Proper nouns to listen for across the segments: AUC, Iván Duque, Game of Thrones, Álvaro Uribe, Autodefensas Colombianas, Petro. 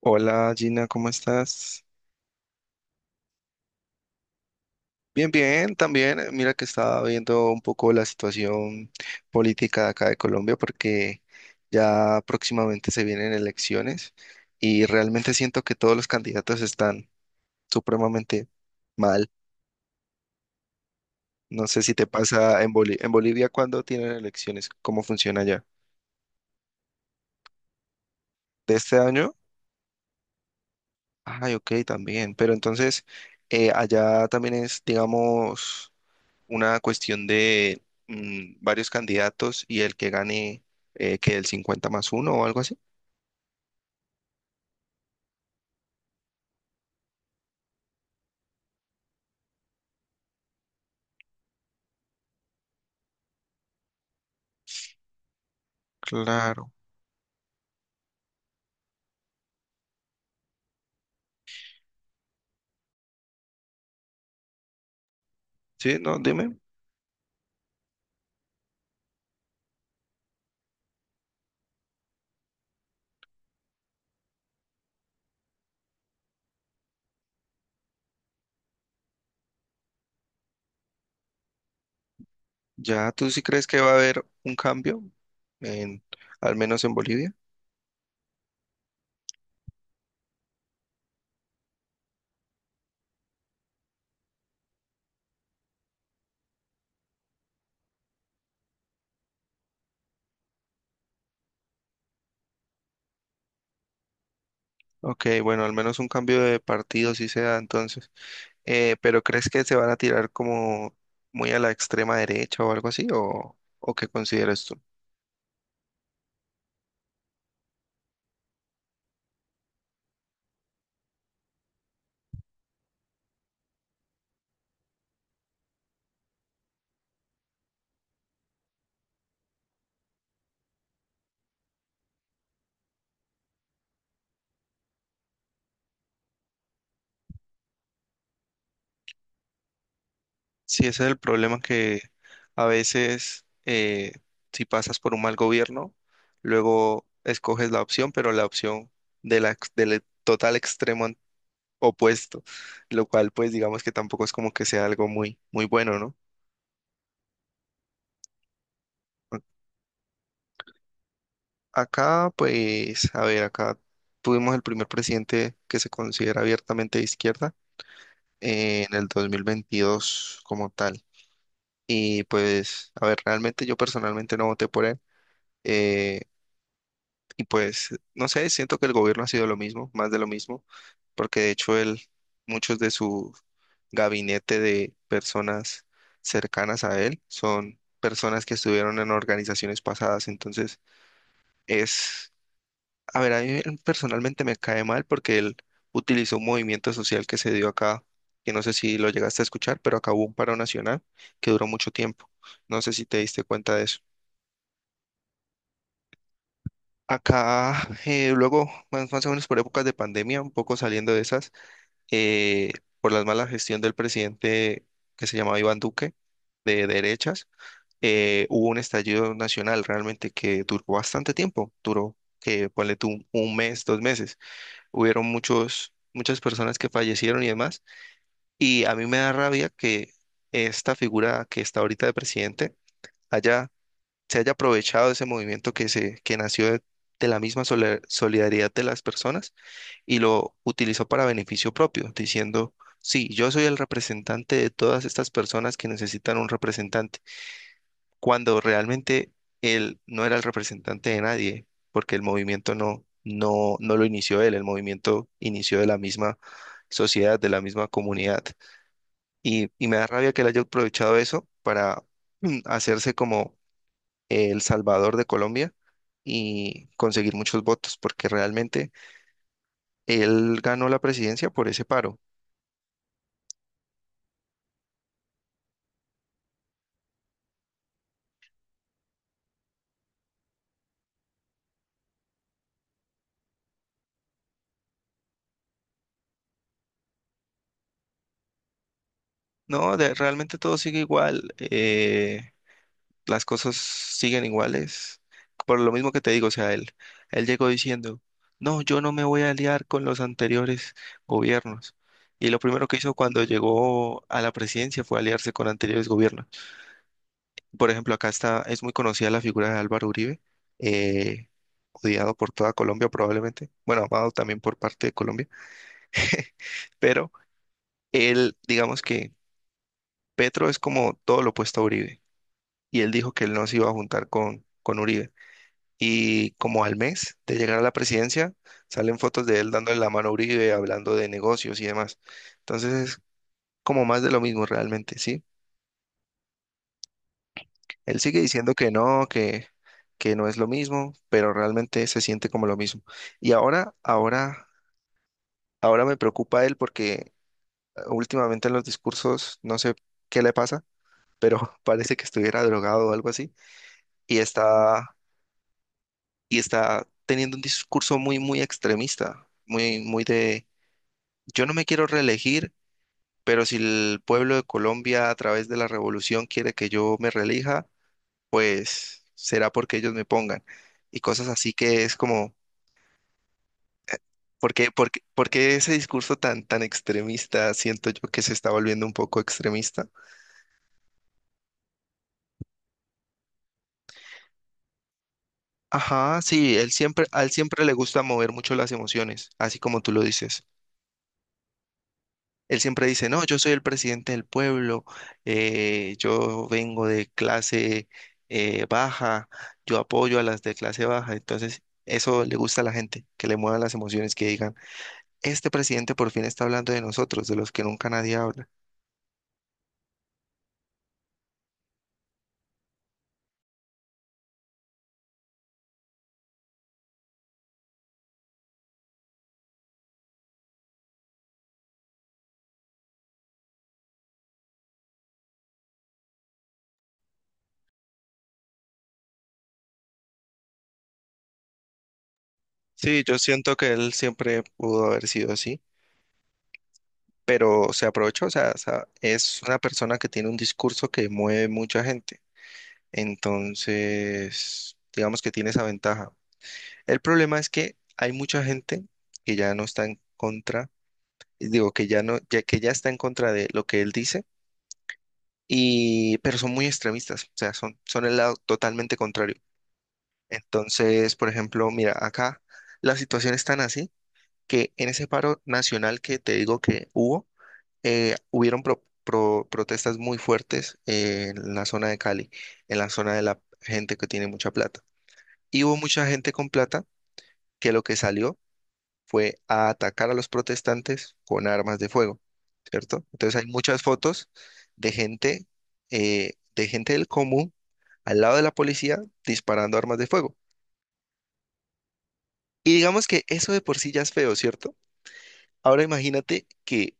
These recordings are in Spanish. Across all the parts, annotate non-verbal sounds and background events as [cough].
Hola Gina, ¿cómo estás? Bien, bien, también. Mira que estaba viendo un poco la situación política de acá de Colombia porque ya próximamente se vienen elecciones y realmente siento que todos los candidatos están supremamente mal. No sé si te pasa en en Bolivia cuando tienen elecciones. ¿Cómo funciona allá? ¿De este año? Ay, ok, también. Pero entonces, allá también es, digamos, una cuestión de varios candidatos y el que gane que el 50 más uno o algo así. Claro. Sí, no, dime. ¿Ya tú sí crees que va a haber un cambio en, al menos en Bolivia? Ok, bueno, al menos un cambio de partido sí se da entonces. Pero ¿crees que se van a tirar como muy a la extrema derecha o algo así? ¿O qué consideras tú? Sí, ese es el problema que a veces, si pasas por un mal gobierno, luego escoges la opción, pero la opción del total extremo opuesto, lo cual pues digamos que tampoco es como que sea algo muy, muy bueno, ¿no? A- Acá pues, a ver, acá tuvimos el primer presidente que se considera abiertamente de izquierda, en el 2022 como tal. Y pues, a ver, realmente yo personalmente no voté por él. eh, Y pues, no sé, siento que el gobierno ha sido lo mismo, más de lo mismo, porque de hecho, muchos de su gabinete de personas cercanas a él son personas que estuvieron en organizaciones pasadas. Entonces, es, a ver, a mí personalmente me cae mal porque él utilizó un movimiento social que se dio acá, que no sé si lo llegaste a escuchar, pero acabó un paro nacional que duró mucho tiempo. No sé si te diste cuenta de eso. Acá, luego, más o menos por épocas de pandemia, un poco saliendo de esas, eh, por la mala gestión del presidente, que se llamaba Iván Duque, de derechas, hubo un estallido nacional realmente que duró bastante tiempo, duró, que ponle tú un mes, 2 meses. Hubieron muchas personas que fallecieron y demás, y a mí me da rabia que esta figura que está ahorita de presidente haya se haya aprovechado de ese movimiento que nació de la misma solidaridad de las personas, y lo utilizó para beneficio propio, diciendo: sí, yo soy el representante de todas estas personas que necesitan un representante, cuando realmente él no era el representante de nadie, porque el movimiento no lo inició él, el movimiento inició de la misma sociedad, de la misma comunidad. Y me da rabia que él haya aprovechado eso para [clears throat] hacerse como El Salvador de Colombia y conseguir muchos votos, porque realmente él ganó la presidencia por ese paro. No, realmente todo sigue igual, las cosas siguen iguales, por lo mismo que te digo, o sea, él llegó diciendo: no, yo no me voy a aliar con los anteriores gobiernos. Y lo primero que hizo cuando llegó a la presidencia fue aliarse con anteriores gobiernos. Por ejemplo, acá es muy conocida la figura de Álvaro Uribe, eh, odiado por toda Colombia probablemente, bueno, amado también por parte de Colombia, pero digamos que Petro es como todo lo opuesto a Uribe, y él dijo que él no se iba a juntar con Uribe. Y como al mes de llegar a la presidencia, salen fotos de él dándole la mano a Uribe, hablando de negocios y demás. Entonces es como más de lo mismo realmente, ¿sí? Él sigue diciendo que no, que no es lo mismo, pero realmente se siente como lo mismo. Y ahora me preocupa él porque últimamente en los discursos, no sé qué le pasa, pero [laughs] parece que estuviera drogado o algo así, y está, y está teniendo un discurso muy, muy extremista, muy, muy de: yo no me quiero reelegir, pero si el pueblo de Colombia a través de la revolución quiere que yo me reelija, pues será porque ellos me pongan, y cosas así que es como. ¿Por qué ese discurso tan, tan extremista? Siento yo que se está volviendo un poco extremista. Ajá, sí, a él siempre le gusta mover mucho las emociones, así como tú lo dices. Él siempre dice: no, yo soy el presidente del pueblo, yo vengo de clase baja, yo apoyo a las de clase baja. Entonces, eso le gusta a la gente, que le muevan las emociones, que digan: este presidente por fin está hablando de nosotros, de los que nunca nadie habla. Sí, yo siento que él siempre pudo haber sido así, pero se aprovechó, o sea, es una persona que tiene un discurso que mueve mucha gente. Entonces, digamos que tiene esa ventaja. El problema es que hay mucha gente que ya no está en contra, digo, que ya no, ya que ya está en contra de lo que él dice, pero son muy extremistas, o sea, son el lado totalmente contrario. Entonces, por ejemplo, mira, acá la situación es tan así, que en ese paro nacional que te digo que hubo, hubieron protestas muy fuertes en la zona de Cali, en la zona de la gente que tiene mucha plata. Y hubo mucha gente con plata que lo que salió fue a atacar a los protestantes con armas de fuego, ¿cierto? Entonces hay muchas fotos de gente, de gente del común al lado de la policía disparando armas de fuego. Y digamos que eso de por sí ya es feo, ¿cierto? Ahora imagínate que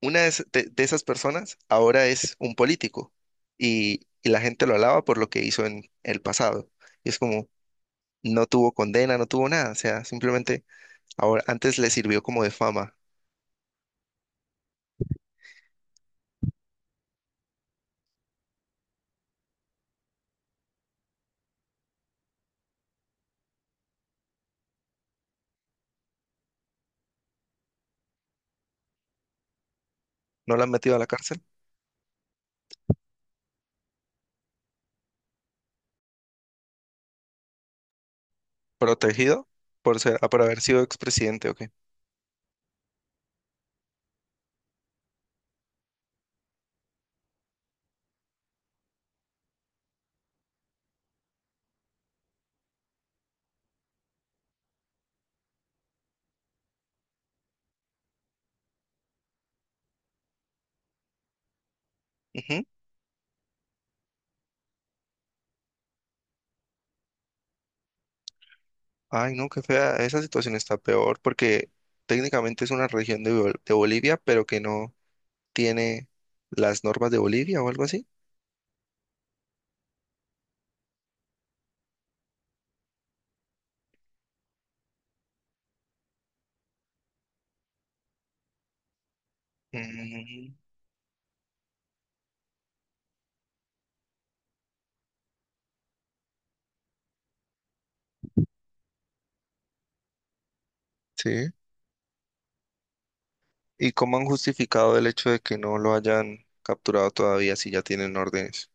una de esas personas ahora es un político, y la gente lo alaba por lo que hizo en el pasado. Y es como, no tuvo condena, no tuvo nada, o sea, simplemente. Ahora, antes le sirvió como de fama. ¿No la han metido a la cárcel? ¿Protegido? ¿Por haber sido expresidente, o qué? Ujú. Ay, no, qué fea. Esa situación está peor porque técnicamente es una región de Bolivia, pero que no tiene las normas de Bolivia o algo así. Mm, sí. ¿Y cómo han justificado el hecho de que no lo hayan capturado todavía si ya tienen órdenes?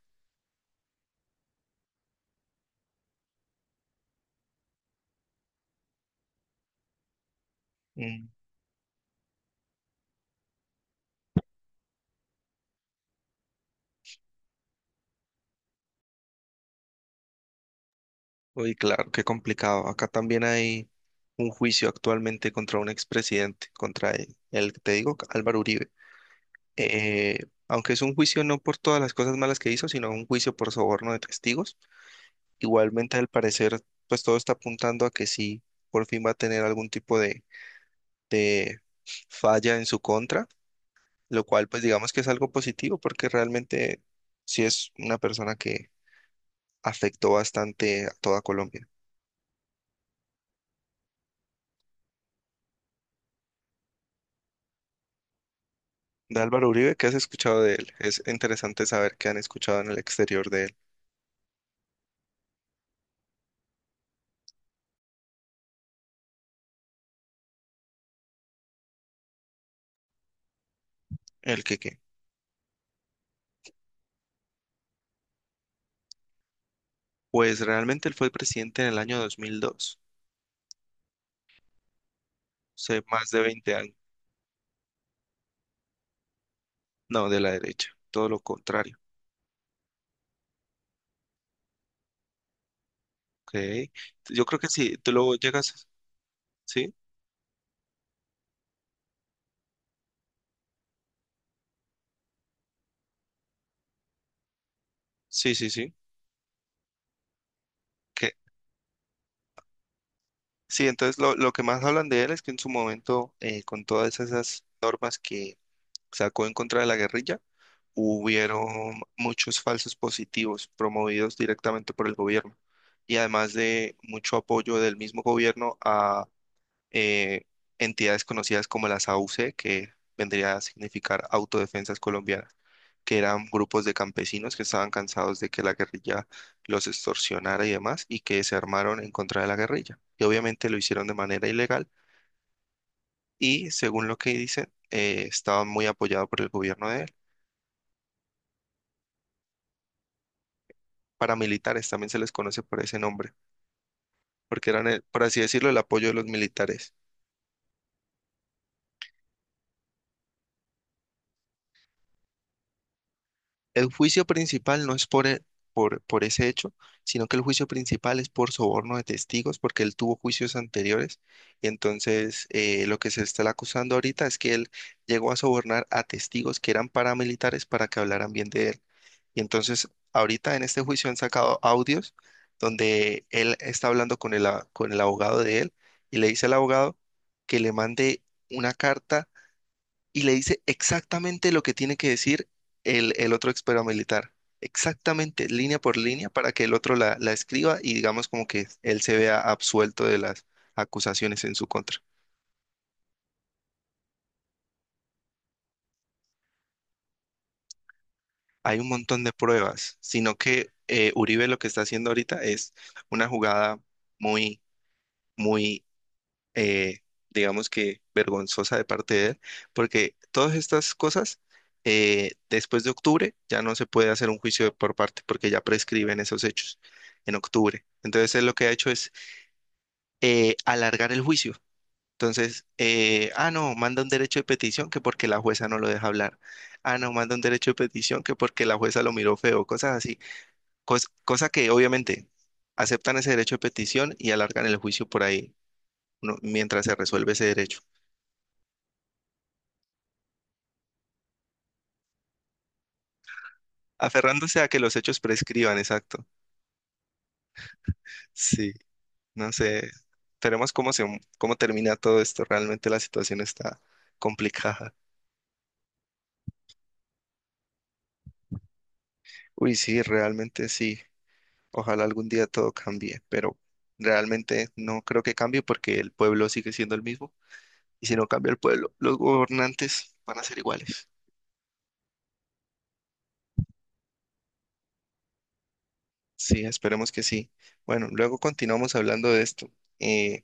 Uy, claro, qué complicado. Acá también hay un juicio actualmente contra un expresidente, contra el que te digo, Álvaro Uribe. Eh, Aunque es un juicio no por todas las cosas malas que hizo, sino un juicio por soborno de testigos, igualmente, al parecer, pues todo está apuntando a que sí, por fin va a tener algún tipo de falla en su contra, lo cual pues digamos que es algo positivo porque realmente sí es una persona que afectó bastante a toda Colombia. De Álvaro Uribe, ¿qué has escuchado de él? Es interesante saber qué han escuchado en el exterior de él. El que qué. Pues realmente él fue presidente en el año 2002, hace más de 20 años. No, de la derecha, todo lo contrario. Ok. Yo creo que sí, tú luego llegas, ¿sí? Sí, sí, sí. Que Sí, entonces lo que más hablan de él es que en su momento, con todas esas normas que sacó en contra de la guerrilla, hubieron muchos falsos positivos promovidos directamente por el gobierno, y además de mucho apoyo del mismo gobierno a eh, entidades conocidas como las AUC, que vendría a significar Autodefensas Colombianas, que eran grupos de campesinos que estaban cansados de que la guerrilla los extorsionara y demás y que se armaron en contra de la guerrilla. Y obviamente lo hicieron de manera ilegal, y según lo que dicen, estaban muy apoyados por el gobierno de él. Paramilitares, también se les conoce por ese nombre, porque eran, por así decirlo, el apoyo de los militares. El juicio principal no es por ese hecho, sino que el juicio principal es por soborno de testigos, porque él tuvo juicios anteriores, y entonces, lo que se está acusando ahorita es que él llegó a sobornar a testigos que eran paramilitares para que hablaran bien de él. Y entonces, ahorita en este juicio han sacado audios donde él está hablando con el abogado de él, y le dice al abogado que le mande una carta y le dice exactamente lo que tiene que decir el otro ex paramilitar. Exactamente, línea por línea, para que el otro la escriba y digamos como que él se vea absuelto de las acusaciones en su contra. Hay un montón de pruebas, sino que Uribe lo que está haciendo ahorita es una jugada muy, muy, eh, digamos que vergonzosa de parte de él, porque todas estas cosas, después de octubre, ya no se puede hacer un juicio por parte, porque ya prescriben esos hechos en octubre. Entonces, él lo que ha hecho es, alargar el juicio. Entonces, ah, no, manda un derecho de petición que porque la jueza no lo deja hablar. Ah, no, manda un derecho de petición que porque la jueza lo miró feo, cosas así. Cosa que obviamente aceptan ese derecho de petición y alargan el juicio por ahí, ¿no?, mientras se resuelve ese derecho. Aferrándose a que los hechos prescriban, exacto. Sí, no sé. Veremos cómo termina todo esto. Realmente la situación está complicada. Uy, sí, realmente sí. Ojalá algún día todo cambie, pero realmente no creo que cambie porque el pueblo sigue siendo el mismo. Y si no cambia el pueblo, los gobernantes van a ser iguales. Sí, esperemos que sí. Bueno, luego continuamos hablando de esto. Eh,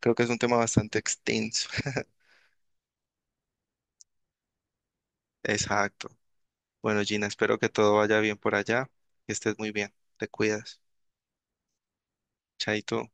Creo que es un tema bastante extenso. [laughs] Exacto. Bueno, Gina, espero que todo vaya bien por allá, que estés muy bien, te cuidas, chaito.